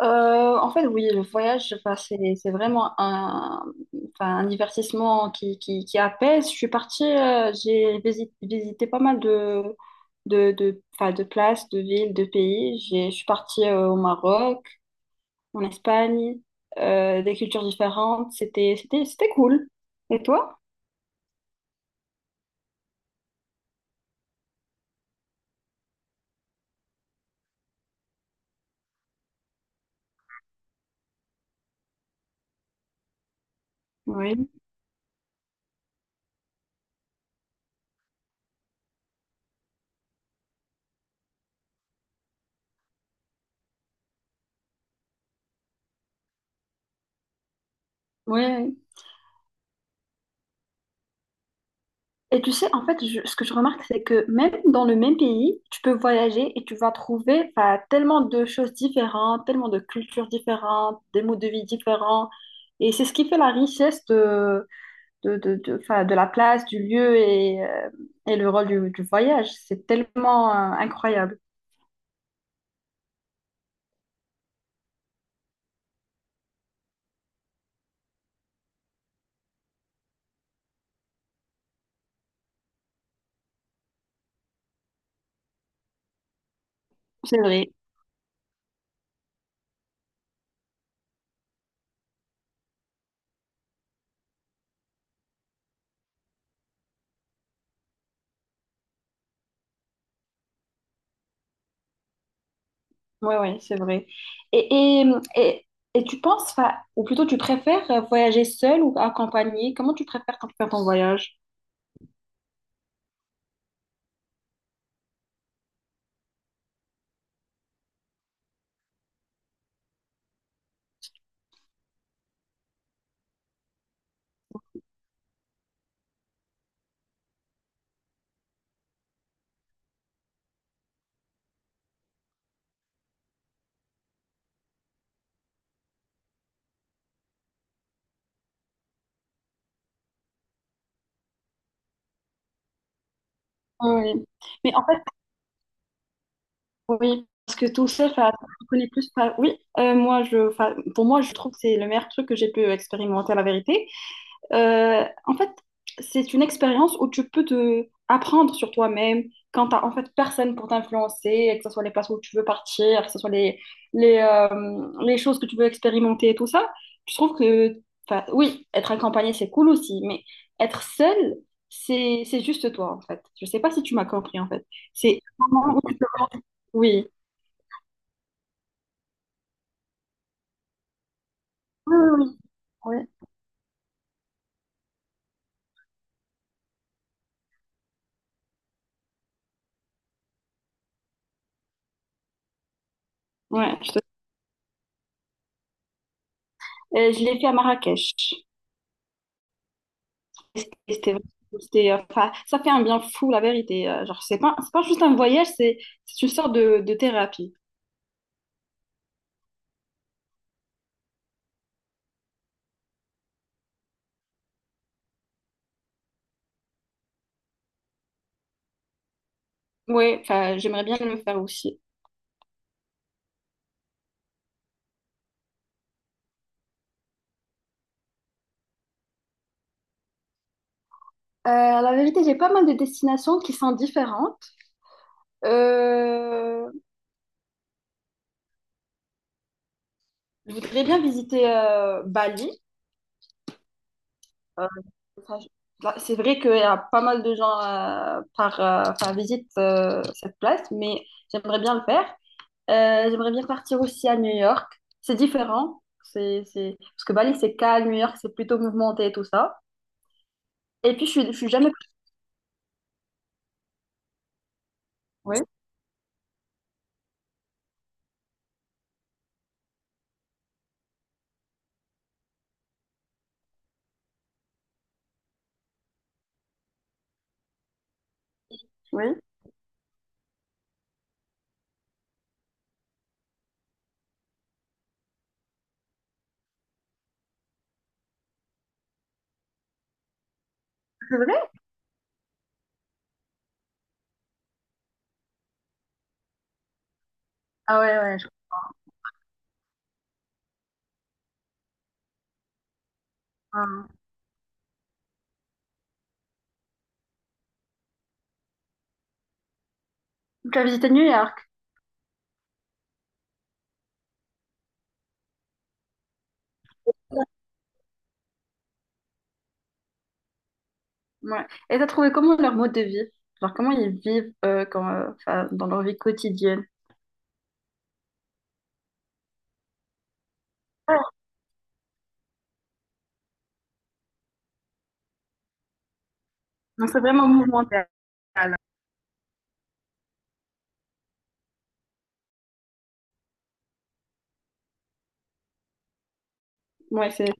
En fait, oui, le voyage, enfin, c'est vraiment un, enfin, un divertissement qui apaise. Je suis partie, visité pas mal de, de, enfin, de places, de villes, de pays. Je suis partie au Maroc, en Espagne, des cultures différentes. C'était cool. Et toi? Oui. Oui. Et tu sais, en fait, ce que je remarque, c'est que même dans le même pays, tu peux voyager et tu vas trouver enfin, tellement de choses différentes, tellement de cultures différentes, des modes de vie différents. Et c'est ce qui fait la richesse de, enfin, de la place, du lieu et le rôle du voyage. C'est tellement incroyable. C'est vrai. Oui, oui, c'est vrai. Et, et, et, et tu penses, enfin, ou plutôt tu préfères voyager seul ou accompagné? Comment tu préfères quand tu fais ton voyage? Oui. Mais en Oui, parce que tout ça, enfin, tu connais plus. Enfin, oui, moi, enfin, pour moi, je trouve que c'est le meilleur truc que j'ai pu expérimenter, la vérité. En fait, c'est une expérience où tu peux te apprendre sur toi-même quand t'as en fait personne pour t'influencer, que ce soit les places où tu veux partir, que ce soit les, les choses que tu veux expérimenter et tout ça. Je trouve que, enfin, oui, être accompagné, c'est cool aussi, mais être seul, c'est juste toi, en fait. Je sais pas si tu m'as compris, en fait. C'est. Oui. Oui, oui, Ouais, ouais, je l'ai fait à Marrakech. C'était, c'était- c'était, enfin, ça fait un bien fou, la vérité. Genre, c'est pas juste un voyage, c'est une sorte de thérapie. Ouais, enfin, j'aimerais bien le faire aussi. Euh, la vérité, j'ai pas mal de destinations qui sont différentes. Euh, je voudrais bien visiter Bali. Euh, enfin, là, c'est vrai qu'il y a pas mal de gens enfin, visitent cette place, mais j'aimerais bien le faire. J'aimerais bien partir aussi à New York. C'est différent. C'est. Parce que Bali, c'est calme. New York, c'est plutôt mouvementé et tout ça. Et puis, je suis jamais. Oui, oui. C'est vrai? Ah ouais, ouais, je crois. Tu as visité New York. Ouais. Et t'as trouvé comment leur mode de vie? Genre, comment ils vivent quand, enfin, dans leur vie quotidienne? Ouais. Non, c'est vraiment mouvementé. Ouais,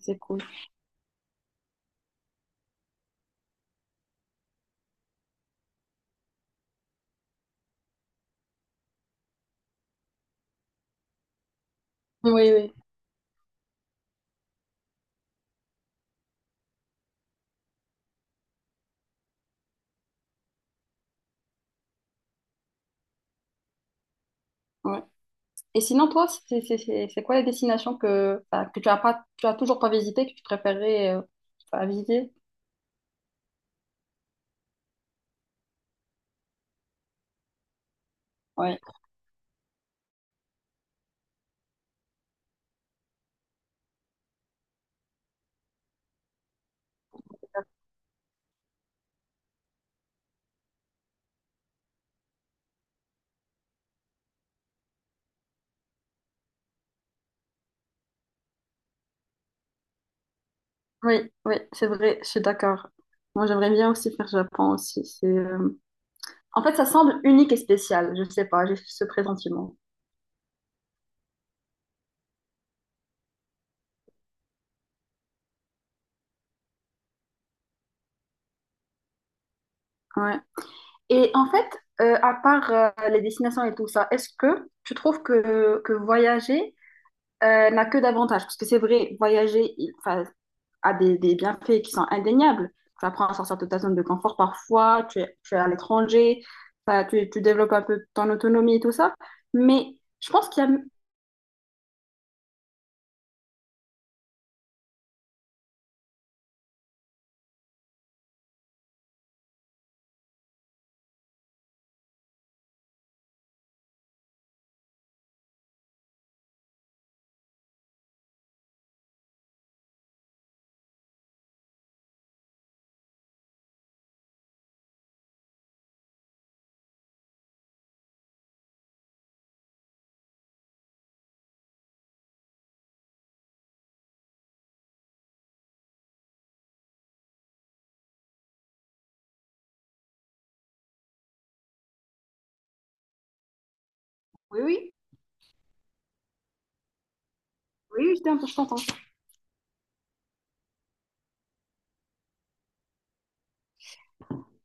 c'est cool. Oui, oui. Ouais. Et sinon, toi, c'est quoi les destinations que, enfin, que tu as pas, tu as toujours pas visité que tu préférais enfin, visiter? Ouais, oui, oui, c'est vrai, je suis d'accord. Moi, j'aimerais bien aussi faire Japon aussi. En fait, ça semble unique et spécial. Je sais pas, j'ai ce pressentiment. Ouais. Et en fait, à part les destinations et tout ça, est-ce que tu trouves que voyager n'a que d'avantages? Parce que c'est vrai, voyager il, enfin, a des bienfaits qui sont indéniables. Tu apprends à sortir de ta zone de confort parfois, tu es à l'étranger, enfin, tu développes un peu ton autonomie et tout ça. Mais je pense qu'il y a. Oui, oui. Oui, oui, je t'entends, je t'entends.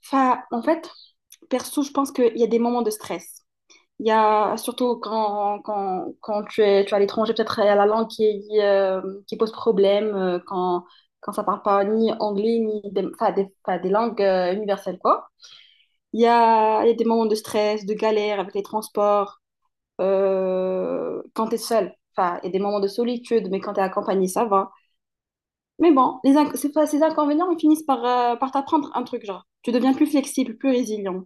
Enfin, en fait, perso, je pense qu'il y a des moments de stress. Il y a surtout quand tu es à l'étranger, peut-être il y a la langue qui pose problème, quand, quand ça parle pas ni anglais, ni des, enfin, des, enfin, des langues universelles, quoi. Il y a des moments de stress, de galère avec les transports, quand tu es seul. Enfin, il y a des moments de solitude, mais quand tu es accompagné, ça va. Mais bon, ces, ces inconvénients, ils finissent par, par t'apprendre un truc, genre. Tu deviens plus flexible, plus résilient.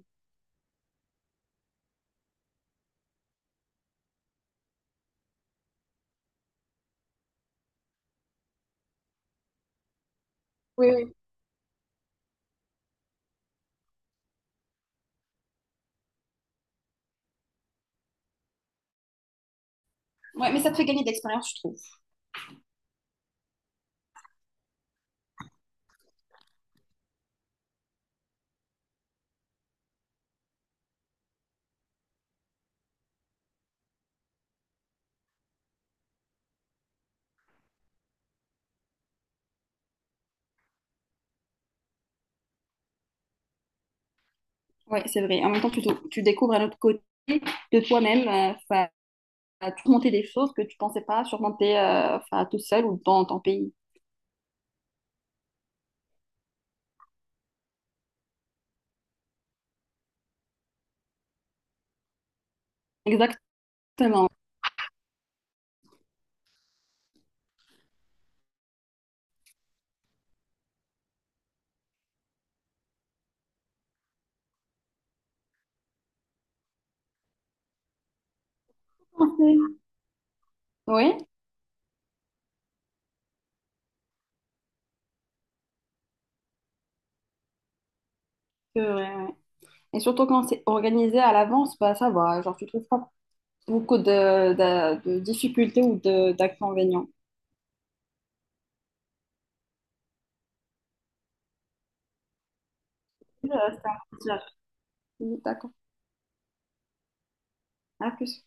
Oui, oui. Ouais, mais ça te fait gagner de l'expérience, je trouve. Ouais, c'est vrai. En même temps, tu découvres un autre côté de toi-même, enfin, à te monter des choses que tu pensais pas surmonter enfin, tout seul ou dans ton pays. Exactement. Ok. Oui, c'est vrai, ouais. Et surtout quand c'est organisé à l'avance, bah ça va, genre tu trouves pas beaucoup de, de difficultés ou de, d'inconvénients. C'est un plaisir. Oui, d'accord. À plus.